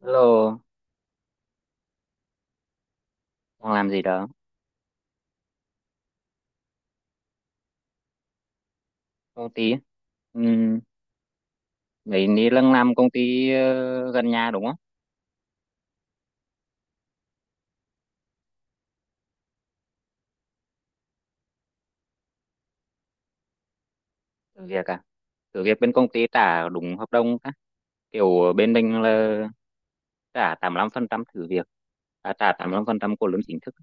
Hello, đang làm gì đó? Công ty? Ừ, mấy ní lăng làm công ty, gần nhà đúng không? Thử việc à? Thử việc bên công ty trả đúng hợp đồng á. Kiểu bên mình là trả 85% thử việc, à, trả 85% của lương chính thức.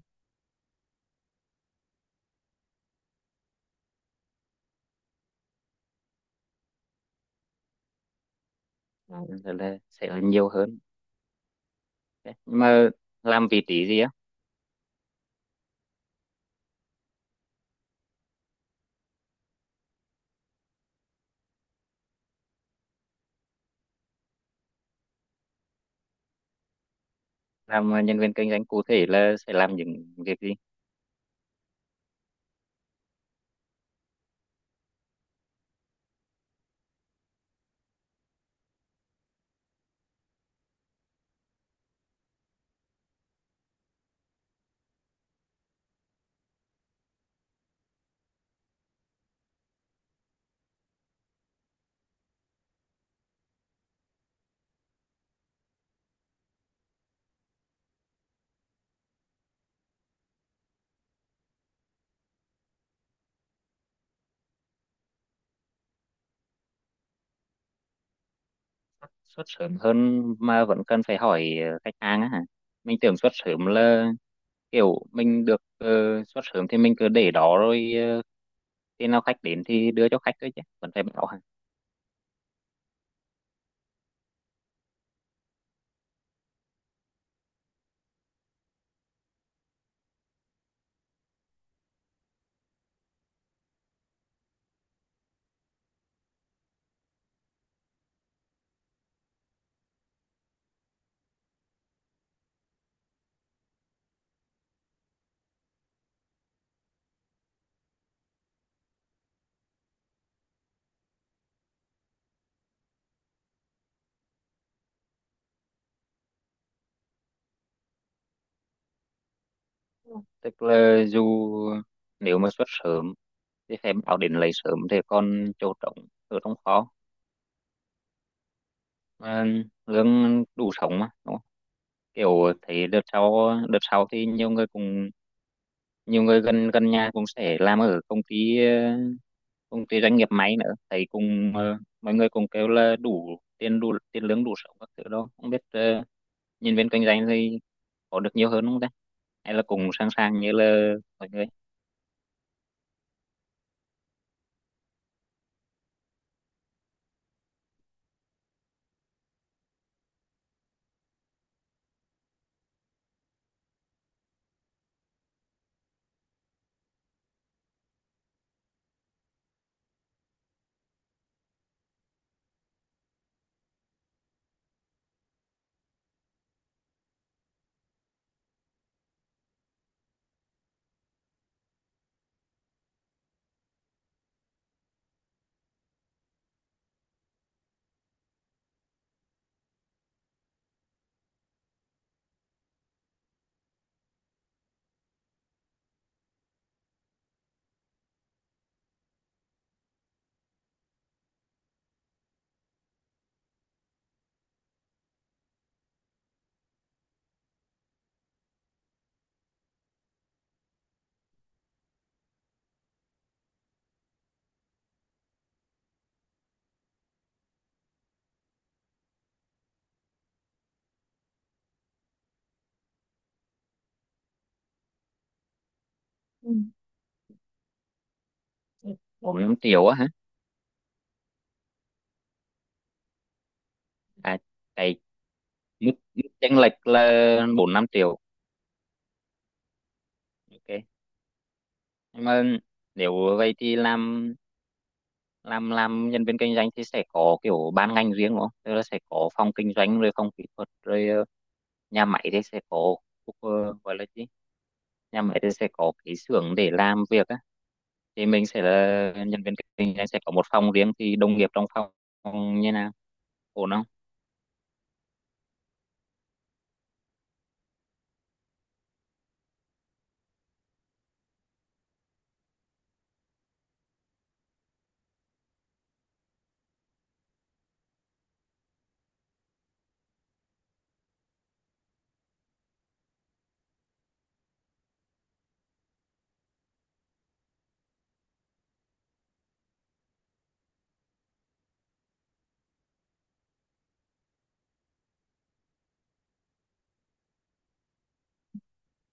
Đó, rồi là sẽ là nhiều hơn. Thế, nhưng mà làm vị trí gì á? Làm nhân viên kinh doanh cụ thể là sẽ làm những việc gì? Xuất sớm hơn mà vẫn cần phải hỏi khách hàng á hả? Mình tưởng xuất sớm là kiểu mình được, xuất sớm thì mình cứ để đó rồi, khi nào khách đến thì đưa cho khách thôi, chứ vẫn phải bảo hả? Tức là dù nếu mà xuất sớm thì phải bảo đến lấy sớm thì còn chỗ trống ở trong kho. Mà lương đủ sống mà, đúng không? Kiểu thấy đợt sau thì nhiều người cùng, nhiều người gần gần nhà cũng sẽ làm ở công ty, cùng cái doanh nghiệp máy nữa, thấy cùng, mọi người cùng kêu là đủ tiền lương đủ sống các thứ đó, không biết, nhân viên kinh doanh thì có được nhiều hơn không ta, hay là cùng sẵn sàng như là mọi người? Ừ. 4-5 triệu á hả? À, cái mức mức chênh lệch là 4-5 triệu? OK, nhưng mà nếu vậy thì làm, làm nhân viên kinh doanh thì sẽ có kiểu ban ngành riêng đúng không, tức là sẽ có phòng kinh doanh rồi phòng kỹ thuật rồi, nhà máy thì sẽ có, ờ, gọi là gì, nhà máy thì sẽ có cái xưởng để làm việc á, thì mình sẽ là nhân viên kinh doanh sẽ có một phòng riêng, thì đồng nghiệp trong phòng như nào, ổn không?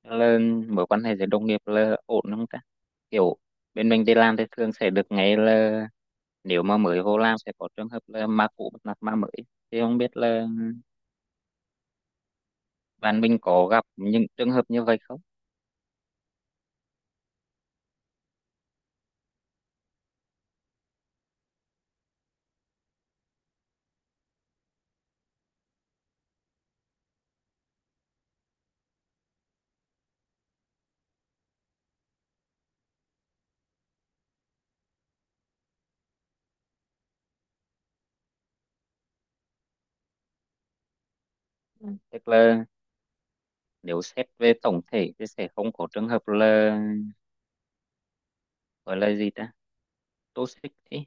Là mối quan hệ giữa đồng nghiệp là ổn không ta? Kiểu bên mình đi làm thì thường sẽ được nghe là nếu mà mới vô làm sẽ có trường hợp là ma cũ bắt nạt ma mới, thì không biết là bạn mình có gặp những trường hợp như vậy không. Tức là nếu xét về tổng thể thì sẽ không có trường hợp là, gọi là gì ta, toxic ấy,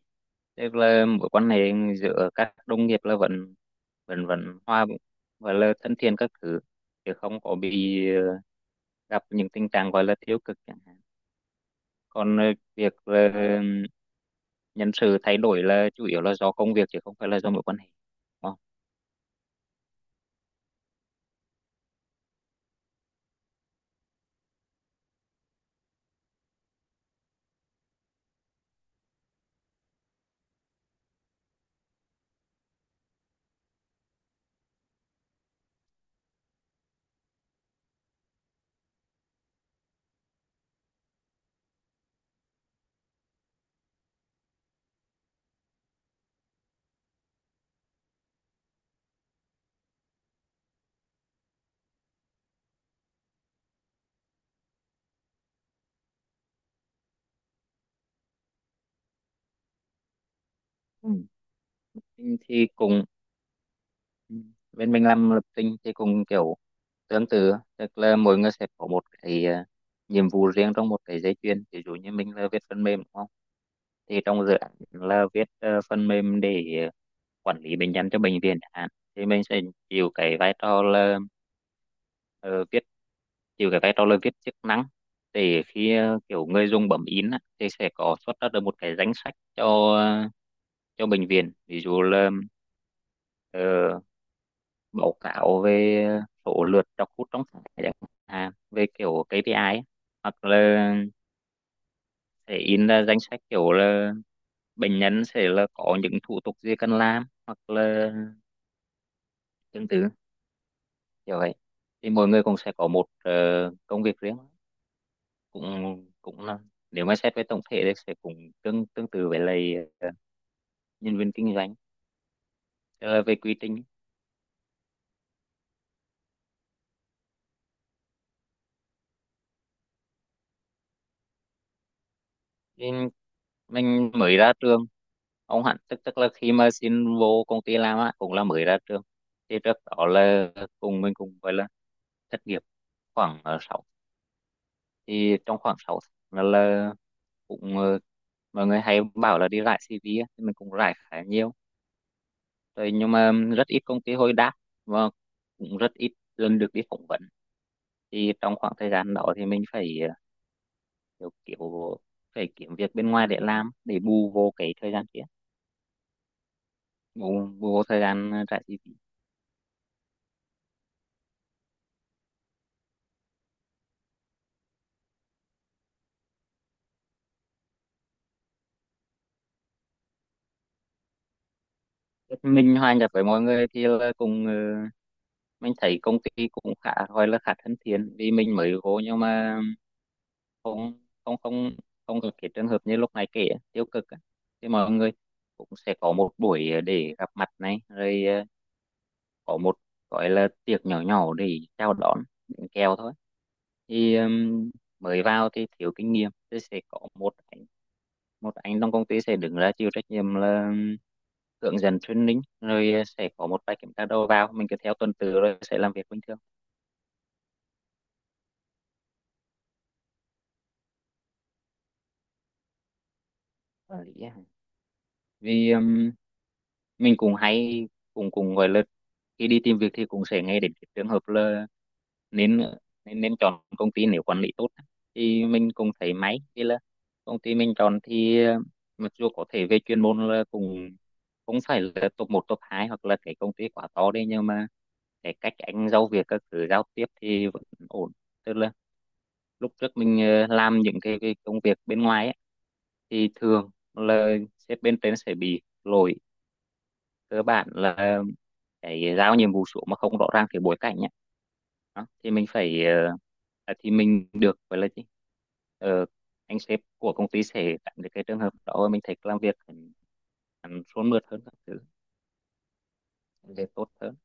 tức là mối quan hệ giữa các đồng nghiệp là vẫn, vẫn hòa và là thân thiện các thứ, chứ không có bị, gặp những tình trạng gọi là tiêu cực chẳng hạn. Còn việc, nhân sự thay đổi là chủ yếu là do công việc chứ không phải là do mối quan hệ. Ờ. Ừ. Mình thì cùng, ừ, bên mình làm lập trình thì cùng kiểu tương tự, tức là mỗi người sẽ có một cái, nhiệm vụ riêng trong một cái dây chuyền. Ví dụ như mình là viết phần mềm đúng không, thì trong dự án là viết, phần mềm để, quản lý bệnh nhân cho bệnh viện chẳng hạn, thì mình sẽ chịu cái vai trò là, ờ, viết chịu cái vai trò là viết chức năng để khi, kiểu người dùng bấm in á, thì sẽ có xuất ra được một cái danh sách cho, cho bệnh viện, ví dụ là, ờ, báo cáo về số lượt đọc hút trong tháng chẳng hạn, về kiểu KPI á. Hoặc là sẽ in ra danh sách kiểu là bệnh nhân sẽ là có những thủ tục gì cần làm, hoặc là tương tự kiểu vậy. Thì mỗi người cũng sẽ có một, công việc riêng, cũng cũng là, nếu mà xét về tổng thể thì sẽ cũng tương tương tự với lại, nhân viên kinh doanh. Tức về quy trình. Nên mình mới ra trường, ông hẳn, tức tức là khi mà xin vô công ty làm á cũng là mới ra trường, thì trước đó là cùng mình cũng gọi là thất nghiệp khoảng sáu, thì trong khoảng 6 tháng là cũng, mọi người hay bảo là đi rải CV á, thì mình cũng rải khá nhiều rồi nhưng mà rất ít công ty hồi đáp, và cũng rất ít lần được đi phỏng vấn. Thì trong khoảng thời gian đó thì mình phải, kiểu phải kiếm việc bên ngoài để làm để bù vô cái thời gian kia, bù, bù vô thời gian, trả chi phí. Mình hòa nhập với mọi người thì là cùng, mình thấy công ty cũng khá gọi là khá thân thiện vì mình mới vô, nhưng mà không không không không gặp cái trường hợp như lúc này kể á, tiêu cực á. Thì mọi người cũng sẽ có một buổi, để gặp mặt này rồi, có một gọi là tiệc nhỏ nhỏ để chào đón, bánh kẹo thôi. Thì mới vào thì thiếu kinh nghiệm thì sẽ có một anh, trong công ty sẽ đứng ra chịu trách nhiệm là, hướng dẫn training rồi, sẽ có một vài kiểm tra đầu vào, mình cứ theo tuần tự rồi sẽ làm việc bình thường. Ờ, lý á. Vì mình cũng hay, cũng cũng gọi là, khi đi tìm việc thì cũng sẽ nghe đến cái trường hợp là nên, nên chọn công ty nếu quản lý tốt, thì mình cũng thấy máy, vì là công ty mình chọn thì, mặc dù có thể về chuyên môn là cũng không phải là top một top 2 hoặc là cái công ty quá to đấy, nhưng mà cái cách anh giao việc các thứ giao tiếp thì vẫn ổn. Tức là lúc trước mình, làm những cái công việc bên ngoài ấy, thì thường là sếp bên trên sẽ bị lỗi cơ bản là cái giao nhiệm vụ xuống mà không rõ ràng cái bối cảnh ấy, đó. Thì mình phải, thì mình được gọi là gì. Ờ, anh sếp của công ty sẽ tránh được cái trường hợp đó, mình thấy làm việc hẳn hẳn suôn mượt hơn các thứ, để tốt hơn.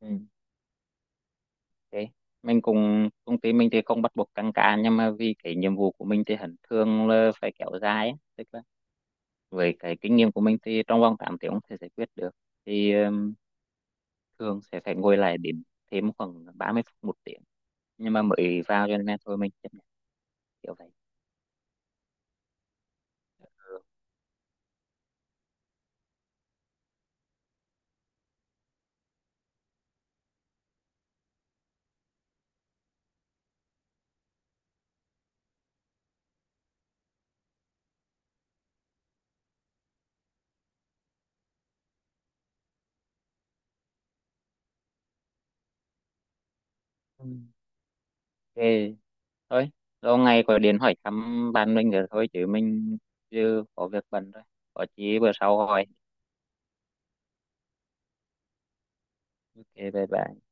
Ừ. Thế mình cùng, công ty mình thì không bắt buộc tăng ca nhưng mà vì cái nhiệm vụ của mình thì hẳn thường là phải kéo dài ấy, tức là với cái kinh nghiệm của mình thì trong vòng 8 tiếng không thể giải quyết được, thì thường sẽ phải ngồi lại điểm thêm khoảng 30 phút một tiếng, nhưng mà mới vào cho nên thôi mình chấp nhận kiểu vậy. Ừ. OK, thôi, lâu ngày có điện hỏi thăm bạn mình rồi thôi, chứ mình chưa có việc bận thôi, có chí bữa sau hỏi. OK, bye bye.